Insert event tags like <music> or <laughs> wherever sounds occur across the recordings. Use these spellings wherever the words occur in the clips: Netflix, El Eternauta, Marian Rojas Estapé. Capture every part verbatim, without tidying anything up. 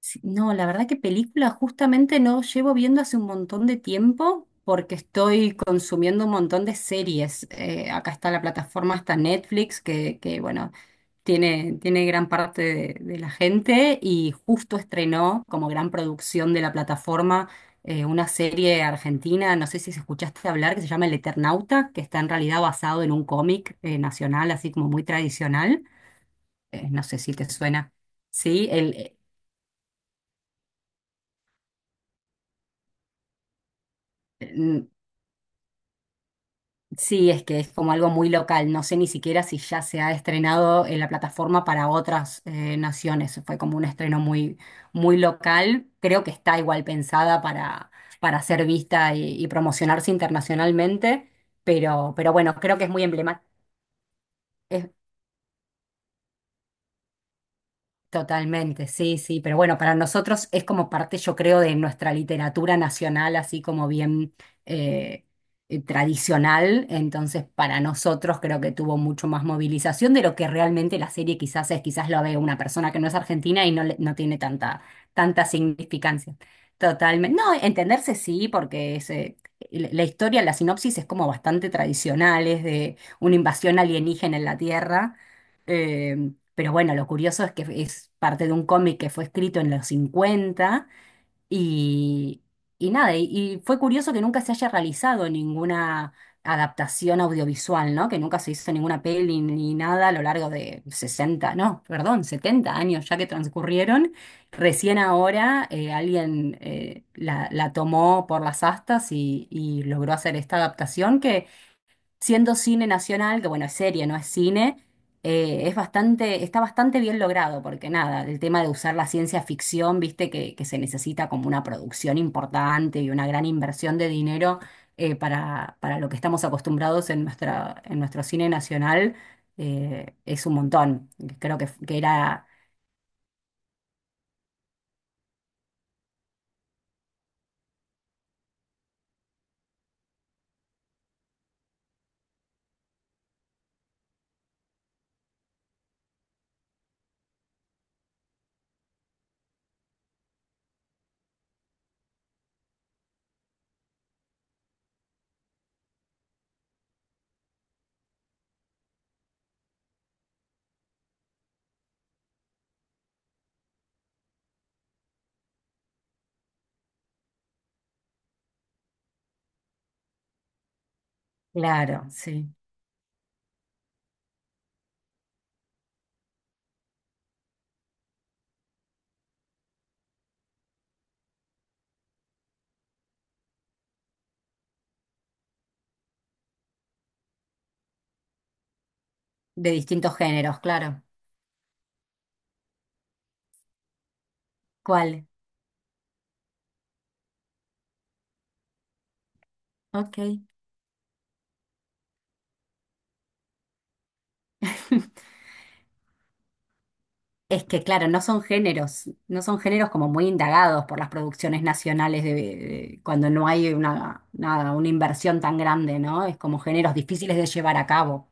Sí, no, la verdad que película justamente no llevo viendo hace un montón de tiempo porque estoy consumiendo un montón de series. Eh, acá está la plataforma, está Netflix, que, que, bueno, tiene, tiene gran parte de, de la gente y justo estrenó como gran producción de la plataforma, eh, una serie argentina, no sé si se escuchaste hablar, que se llama El Eternauta, que está en realidad basado en un cómic, eh, nacional, así como muy tradicional. Eh, no sé si te suena. Sí, el... eh, sí, es que es como algo muy local. No sé ni siquiera si ya se ha estrenado en la plataforma para otras, eh, naciones. Fue como un estreno muy, muy local. Creo que está igual pensada para, para, ser vista y, y promocionarse internacionalmente, pero, pero bueno, creo que es muy emblemática. Totalmente, sí, sí, pero bueno, para nosotros es como parte, yo creo, de nuestra literatura nacional, así como bien, eh, eh, tradicional. Entonces para nosotros creo que tuvo mucho más movilización de lo que realmente la serie quizás es. Quizás lo ve una persona que no es argentina y no, le- no tiene tanta, tanta significancia. Totalmente, no, entenderse sí, porque es, eh, la la historia, la sinopsis es como bastante tradicional, es de una invasión alienígena en la Tierra, eh, pero bueno, lo curioso es que es parte de un cómic que fue escrito en los cincuenta. Y, y nada, y, y fue curioso que nunca se haya realizado ninguna adaptación audiovisual, ¿no? Que nunca se hizo ninguna peli ni nada a lo largo de sesenta, no, perdón, setenta años ya que transcurrieron. Recién ahora, eh, alguien, eh, la, la tomó por las astas y, y logró hacer esta adaptación que, siendo cine nacional, que bueno, es serie, no es cine, eh, es bastante, está bastante bien logrado, porque nada, el tema de usar la ciencia ficción, viste, que, que se necesita como una producción importante y una gran inversión de dinero, eh, para, para, lo que estamos acostumbrados en nuestra, en nuestro cine nacional, eh, es un montón. Creo que, que era, claro, sí, de distintos géneros, claro. ¿Cuál? Ok. <laughs> Es que, claro, no son géneros, no son géneros como muy indagados por las producciones nacionales de, de- cuando no hay una, nada, una inversión tan grande, ¿no? Es como géneros difíciles de llevar a cabo.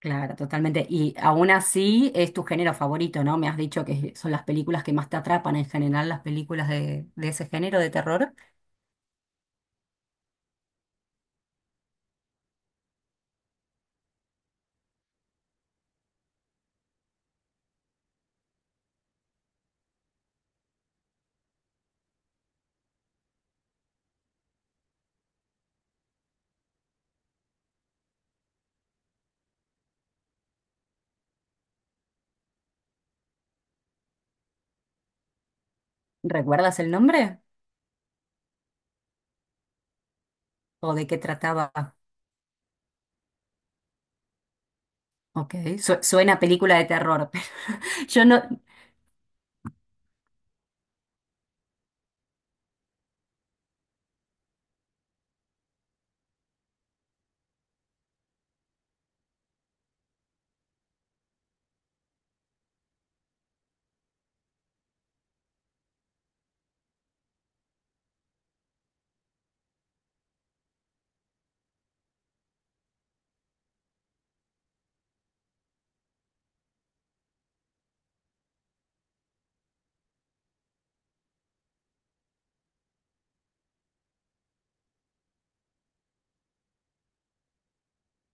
Claro, totalmente. Y aún así es tu género favorito, ¿no? Me has dicho que son las películas que más te atrapan en general, las películas de, de ese género de terror. ¿Recuerdas el nombre? ¿O de qué trataba? Ok, su- suena a película de terror. <laughs> Yo no,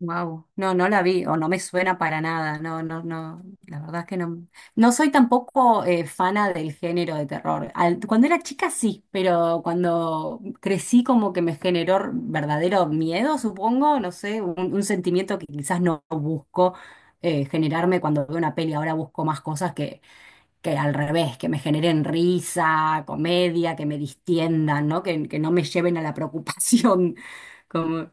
wow, no, no la vi, o no me suena para nada, no, no, no, la verdad es que no, no soy tampoco, eh, fana del género de terror. Al- cuando era chica sí, pero cuando crecí como que me generó, r- verdadero miedo, supongo, no sé, un, un, sentimiento que quizás no busco, eh, generarme cuando veo una peli. Ahora busco más cosas que, que al revés, que me generen risa, comedia, que me distiendan, ¿no? Que, que no me lleven a la preocupación. <laughs> Como,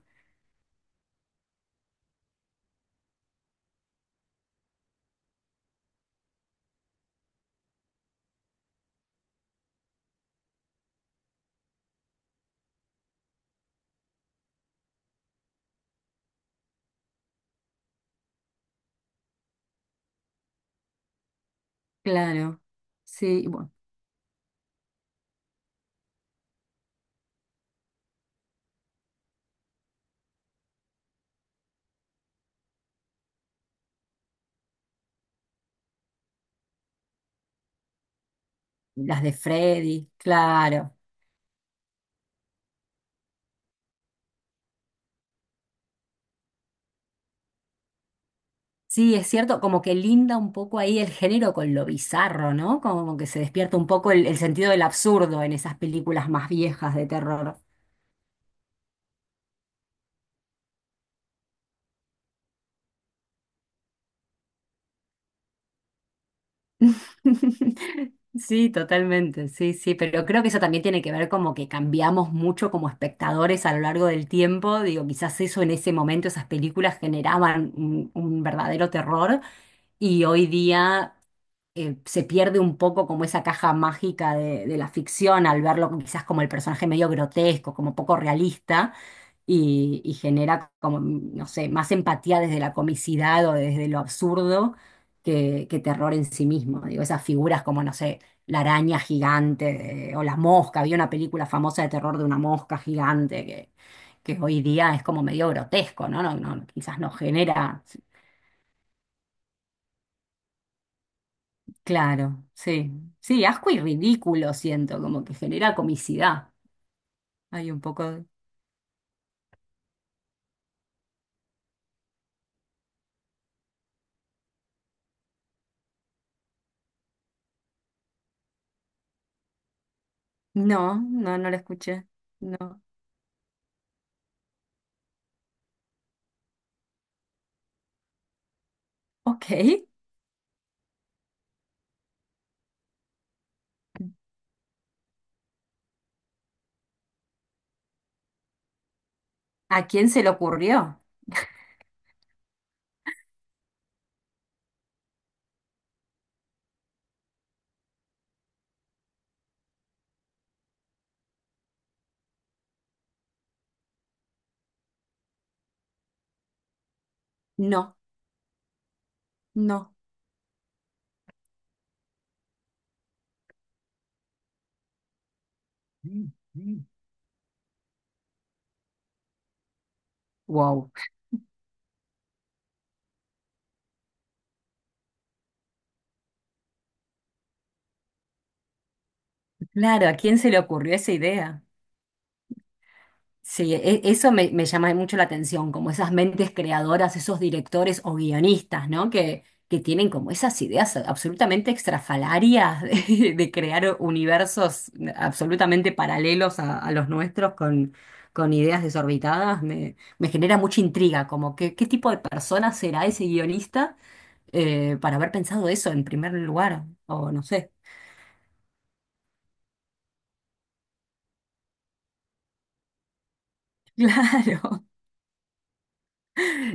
claro. Sí, las de Freddy, claro. Sí, es cierto, como que linda un poco ahí el género con lo bizarro, ¿no? Como que se despierta un poco el, el sentido del absurdo en esas películas más viejas de terror. <laughs> Sí, totalmente, sí, sí, pero creo que eso también tiene que ver como que cambiamos mucho como espectadores a lo largo del tiempo. Digo, quizás eso en ese momento, esas películas generaban un, un, verdadero terror, y hoy día, eh, se pierde un poco como esa caja mágica de, de la ficción al verlo quizás como el personaje medio grotesco, como poco realista, y, y genera como, no sé, más empatía desde la comicidad o desde lo absurdo que, que terror en sí mismo. Digo, esas figuras como, no sé, la araña gigante de- o la mosca. Había una película famosa de terror de una mosca gigante que, que, hoy día es como medio grotesco, ¿no? No, no, quizás no genera. Claro, sí. Sí, asco y ridículo siento, como que genera comicidad. Hay un poco de... No, no, no la escuché. No. Ok. ¿A quién se le ocurrió? No, no. Wow. Claro, ¿a quién se le ocurrió esa idea? Sí, e- eso me, me, llama mucho la atención, como esas mentes creadoras, esos directores o guionistas, ¿no? Que, que tienen como esas ideas absolutamente extrafalarias <laughs> de, de, crear universos absolutamente paralelos a, a, los nuestros con, con, ideas desorbitadas. Me, me genera mucha intriga, como que, qué tipo de persona será ese guionista, eh, para haber pensado eso en primer lugar, o no sé. <laughs> Claro.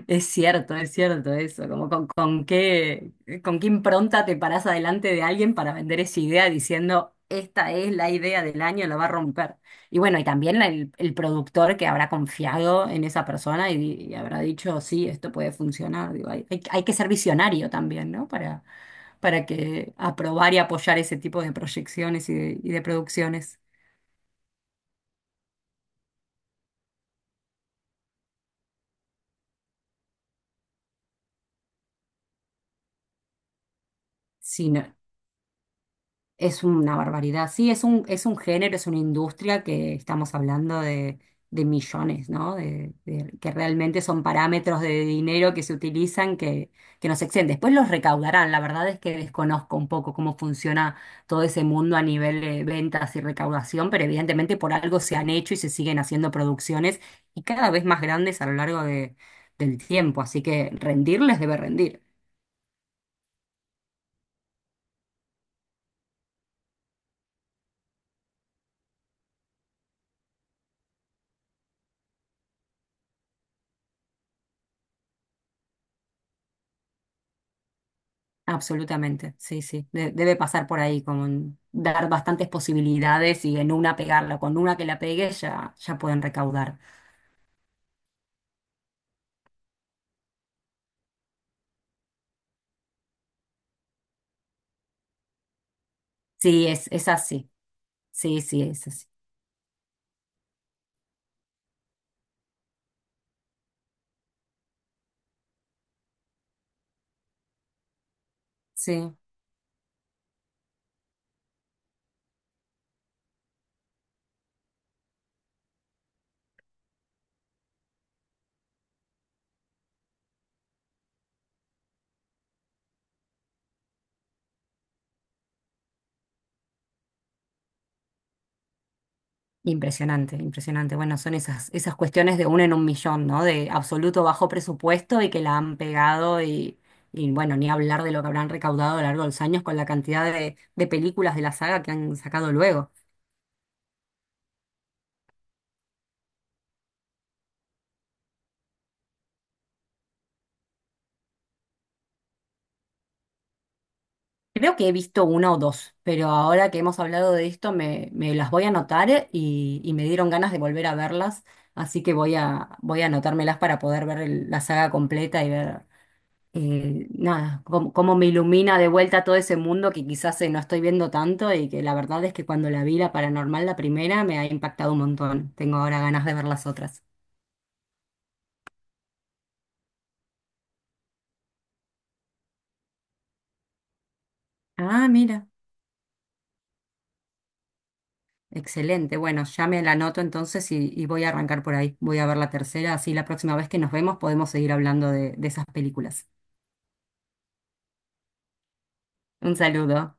Es cierto, es cierto eso, como con, con, qué, con qué impronta te parás adelante de alguien para vender esa idea diciendo, esta es la idea del año, la va a romper. Y bueno, y también el, el, productor que habrá confiado en esa persona y, y habrá dicho, sí, esto puede funcionar. Digo, hay, hay- hay que ser visionario también, ¿no? Para, para, que aprobar y apoyar ese tipo de proyecciones y de, y de producciones. Es una barbaridad. Sí, es un, es un, género, es una industria que estamos hablando de, de millones, ¿no? De, de- que realmente son parámetros de dinero que se utilizan que, que nos exceden. Después los recaudarán. La verdad es que desconozco un poco cómo funciona todo ese mundo a nivel de ventas y recaudación, pero evidentemente por algo se han hecho y se siguen haciendo producciones y cada vez más grandes a lo largo de, del tiempo. Así que rendirles debe rendir. Absolutamente, sí, sí. De- debe pasar por ahí, con dar bastantes posibilidades y en una pegarla. Con una que la pegue ya, ya pueden recaudar. Sí, es, es así. Sí, sí, es así. Sí. Impresionante, impresionante. Bueno, son esas, esas, cuestiones de uno en un millón, ¿no? De absoluto bajo presupuesto y que la han pegado y, y bueno, ni hablar de lo que habrán recaudado a lo largo de los años con la cantidad de, de, películas de la saga que han sacado luego. Creo que he visto una o dos, pero ahora que hemos hablado de esto me, me, las voy a anotar, eh, y, y me dieron ganas de volver a verlas, así que voy a, voy a, anotármelas para poder ver el- la saga completa y ver, eh, nada, cómo, cómo me ilumina de vuelta todo ese mundo que quizás, eh, no estoy viendo tanto y que la verdad es que cuando la vi la paranormal, la primera, me ha impactado un montón. Tengo ahora ganas de ver las otras. Ah, mira. Excelente, bueno, ya me la anoto entonces y, y voy a arrancar por ahí. Voy a ver la tercera, así la próxima vez que nos vemos podemos seguir hablando de, de, esas películas. Un saludo.